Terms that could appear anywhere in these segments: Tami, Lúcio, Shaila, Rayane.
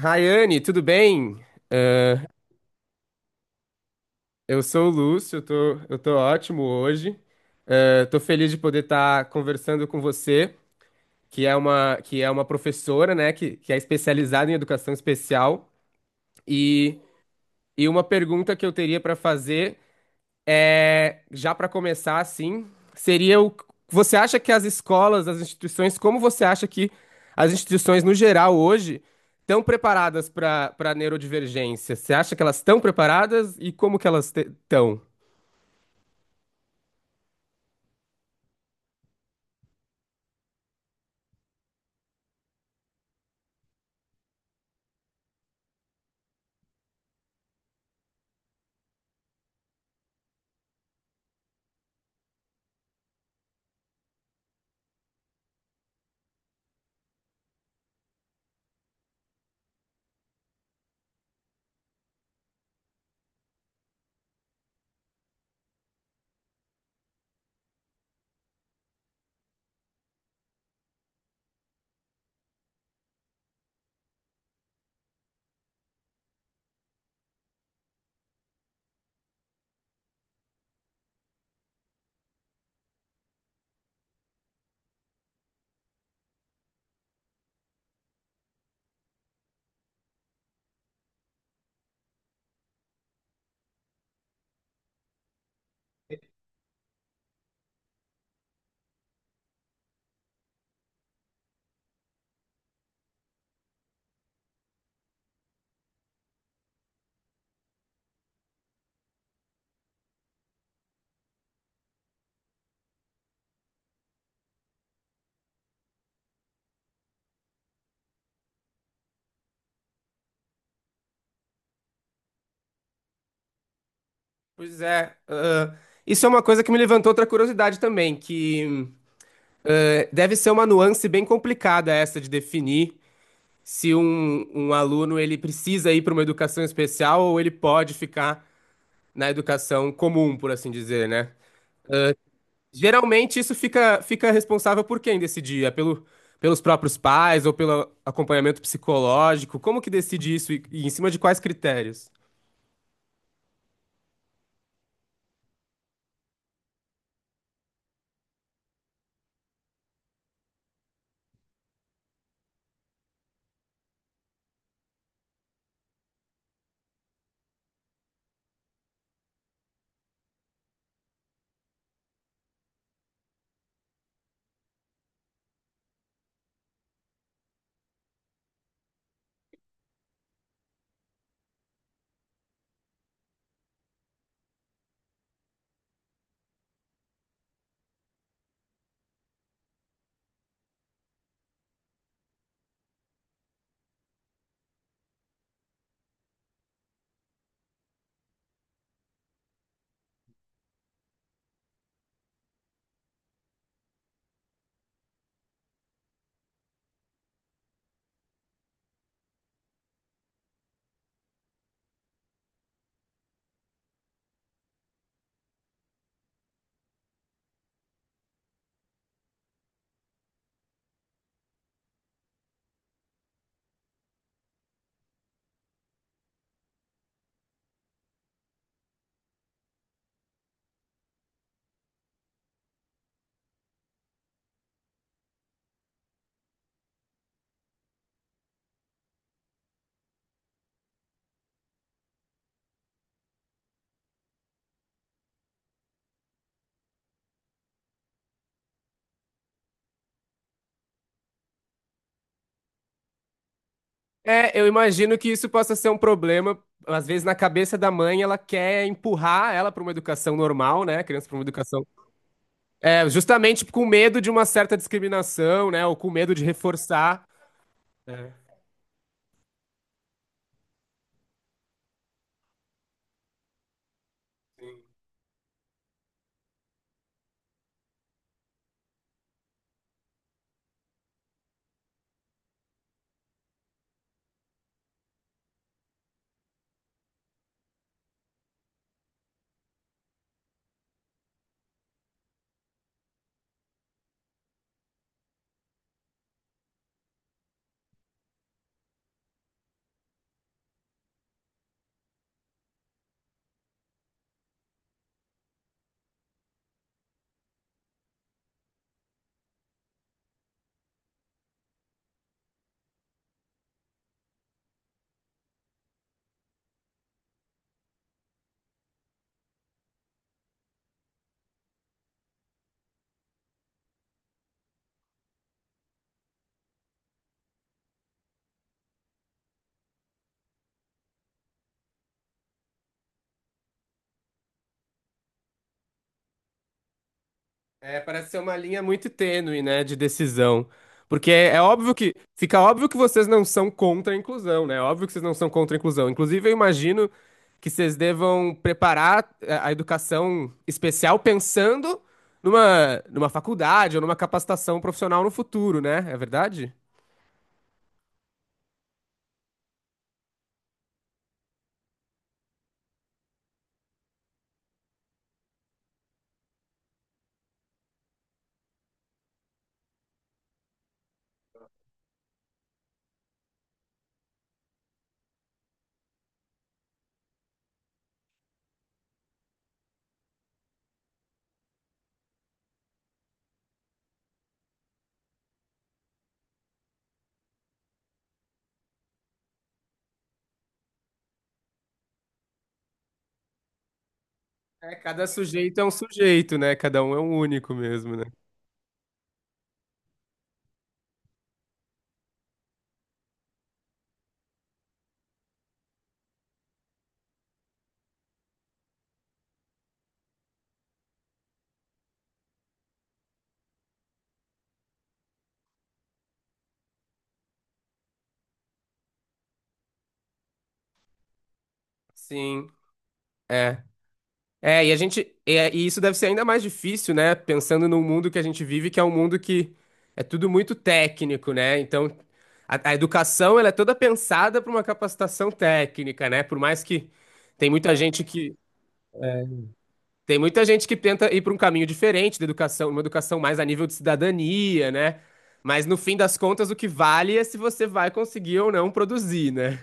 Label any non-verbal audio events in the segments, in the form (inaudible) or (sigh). Rayane, tudo bem? Ah, eu sou o Lúcio, eu tô ótimo hoje. Ah, tô feliz de poder estar conversando com você, que é uma professora, né, que é especializada em educação especial. E, e uma pergunta que eu teria para fazer é, já para começar, assim, seria o. Você acha que as escolas, as instituições, como você acha que as instituições no geral hoje estão preparadas para neurodivergência? Você acha que elas estão preparadas e como que elas estão? Pois é, ah, isso é uma coisa que me levantou outra curiosidade também, que ah, deve ser uma nuance bem complicada essa de definir se um aluno ele precisa ir para uma educação especial ou ele pode ficar na educação comum, por assim dizer, né? Geralmente isso fica responsável por quem decidir? É pelo, pelos próprios pais ou pelo acompanhamento psicológico? Como que decide isso e em cima de quais critérios? É, eu imagino que isso possa ser um problema. Às vezes, na cabeça da mãe, ela quer empurrar ela para uma educação normal, né? A criança para uma educação. É, justamente com medo de uma certa discriminação, né? Ou com medo de reforçar, né? É, parece ser uma linha muito tênue, né, de decisão. Porque é, é óbvio que, fica óbvio que vocês não são contra a inclusão, né? É óbvio que vocês não são contra a inclusão. Inclusive, eu imagino que vocês devam preparar é, a educação especial pensando numa, numa faculdade ou numa capacitação profissional no futuro, né? É verdade? É, cada sujeito é um sujeito, né? Cada um é um único mesmo, né? Sim, é. É, e a gente, é, e isso deve ser ainda mais difícil, né? Pensando no mundo que a gente vive, que é um mundo que é tudo muito técnico, né? Então, a educação, ela é toda pensada para uma capacitação técnica, né? Por mais que tem muita gente que tem muita gente que tenta ir para um caminho diferente da educação, uma educação mais a nível de cidadania, né? Mas no fim das contas, o que vale é se você vai conseguir ou não produzir, né?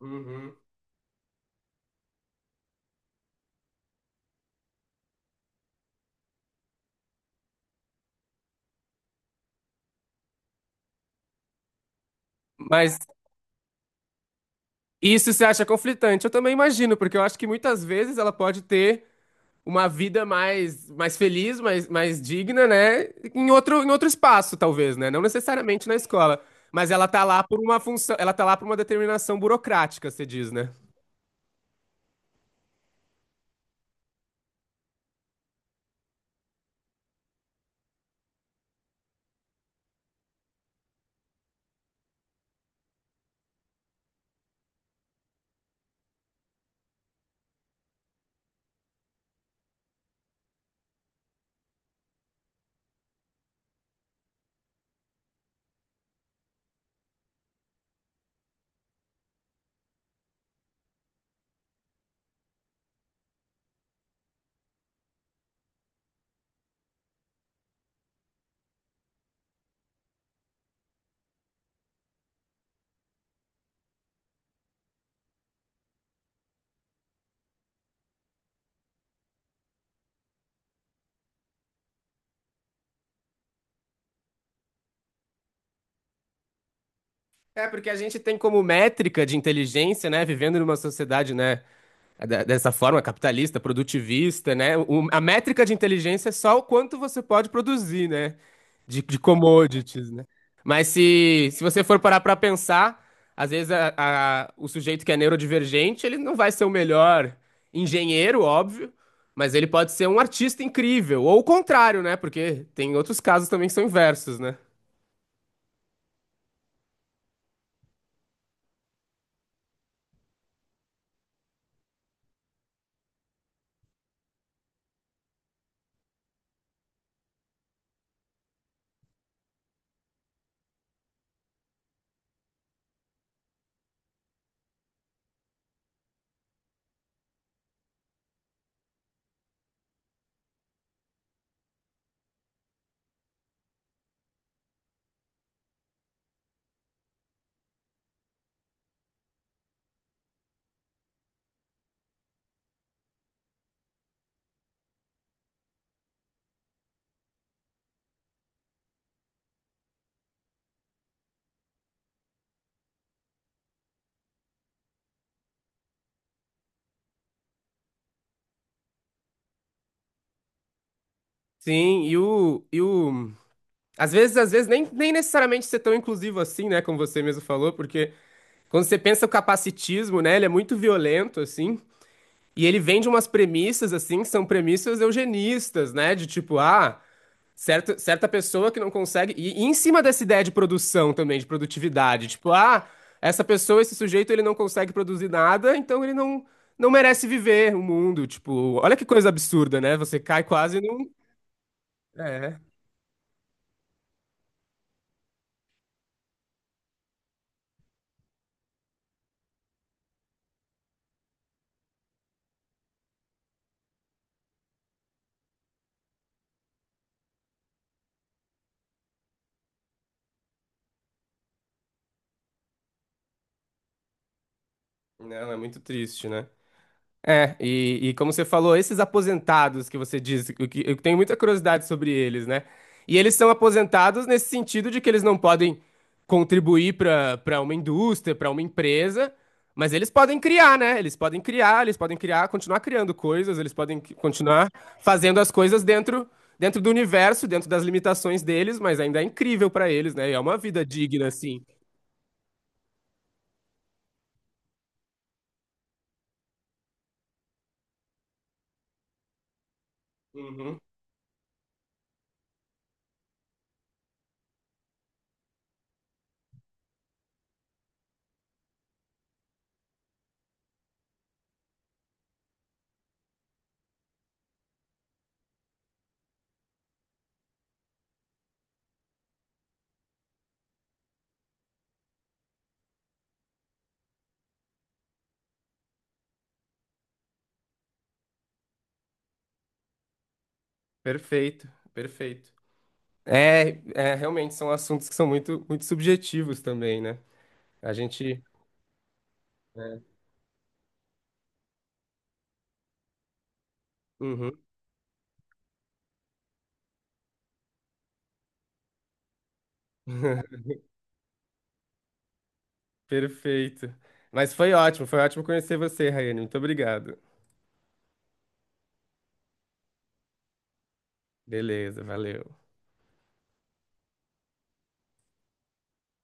Uhum. Mas isso você acha conflitante, eu também imagino, porque eu acho que muitas vezes ela pode ter uma vida mais feliz, mais, mais digna, né? Em outro espaço, talvez, né? Não necessariamente na escola. Mas ela tá lá por uma função, ela tá lá por uma determinação burocrática, você diz, né? É, porque a gente tem como métrica de inteligência, né? Vivendo numa sociedade, né? É de- dessa forma capitalista, produtivista, né? O- a métrica de inteligência é só o quanto você pode produzir, né? De commodities, né? Mas se você for parar para pensar, às vezes a- o sujeito que é neurodivergente, ele não vai ser o melhor engenheiro, óbvio, mas ele pode ser um artista incrível, ou o contrário, né? Porque tem outros casos também que são inversos, né? Sim, e o... às vezes, nem, nem necessariamente ser tão inclusivo assim, né? Como você mesmo falou, porque quando você pensa o capacitismo, né? Ele é muito violento, assim. E ele vem de umas premissas, assim, que são premissas eugenistas, né? De tipo, ah, certa, certa pessoa que não consegue. E em cima dessa ideia de produção também, de produtividade. Tipo, ah, essa pessoa, esse sujeito, ele não consegue produzir nada, então ele não, não merece viver o mundo. Tipo, olha que coisa absurda, né? Você cai quase num. É. Não, é muito triste, né? É, e como você falou, esses aposentados que você diz, o que- eu tenho muita curiosidade sobre eles, né? E eles são aposentados nesse sentido de que eles não podem contribuir para uma indústria, para uma empresa, mas eles podem criar, né? Eles podem criar, continuar criando coisas, eles podem qui- continuar fazendo as coisas dentro do universo, dentro das limitações deles, mas ainda é incrível para eles, né? E é uma vida digna, assim. Uhum. Perfeito, perfeito. É, é, realmente são assuntos que são muito, muito subjetivos também, né? A gente. É. Uhum. (laughs) Perfeito. Mas foi ótimo conhecer você, Raiane. Muito obrigado. Beleza, valeu.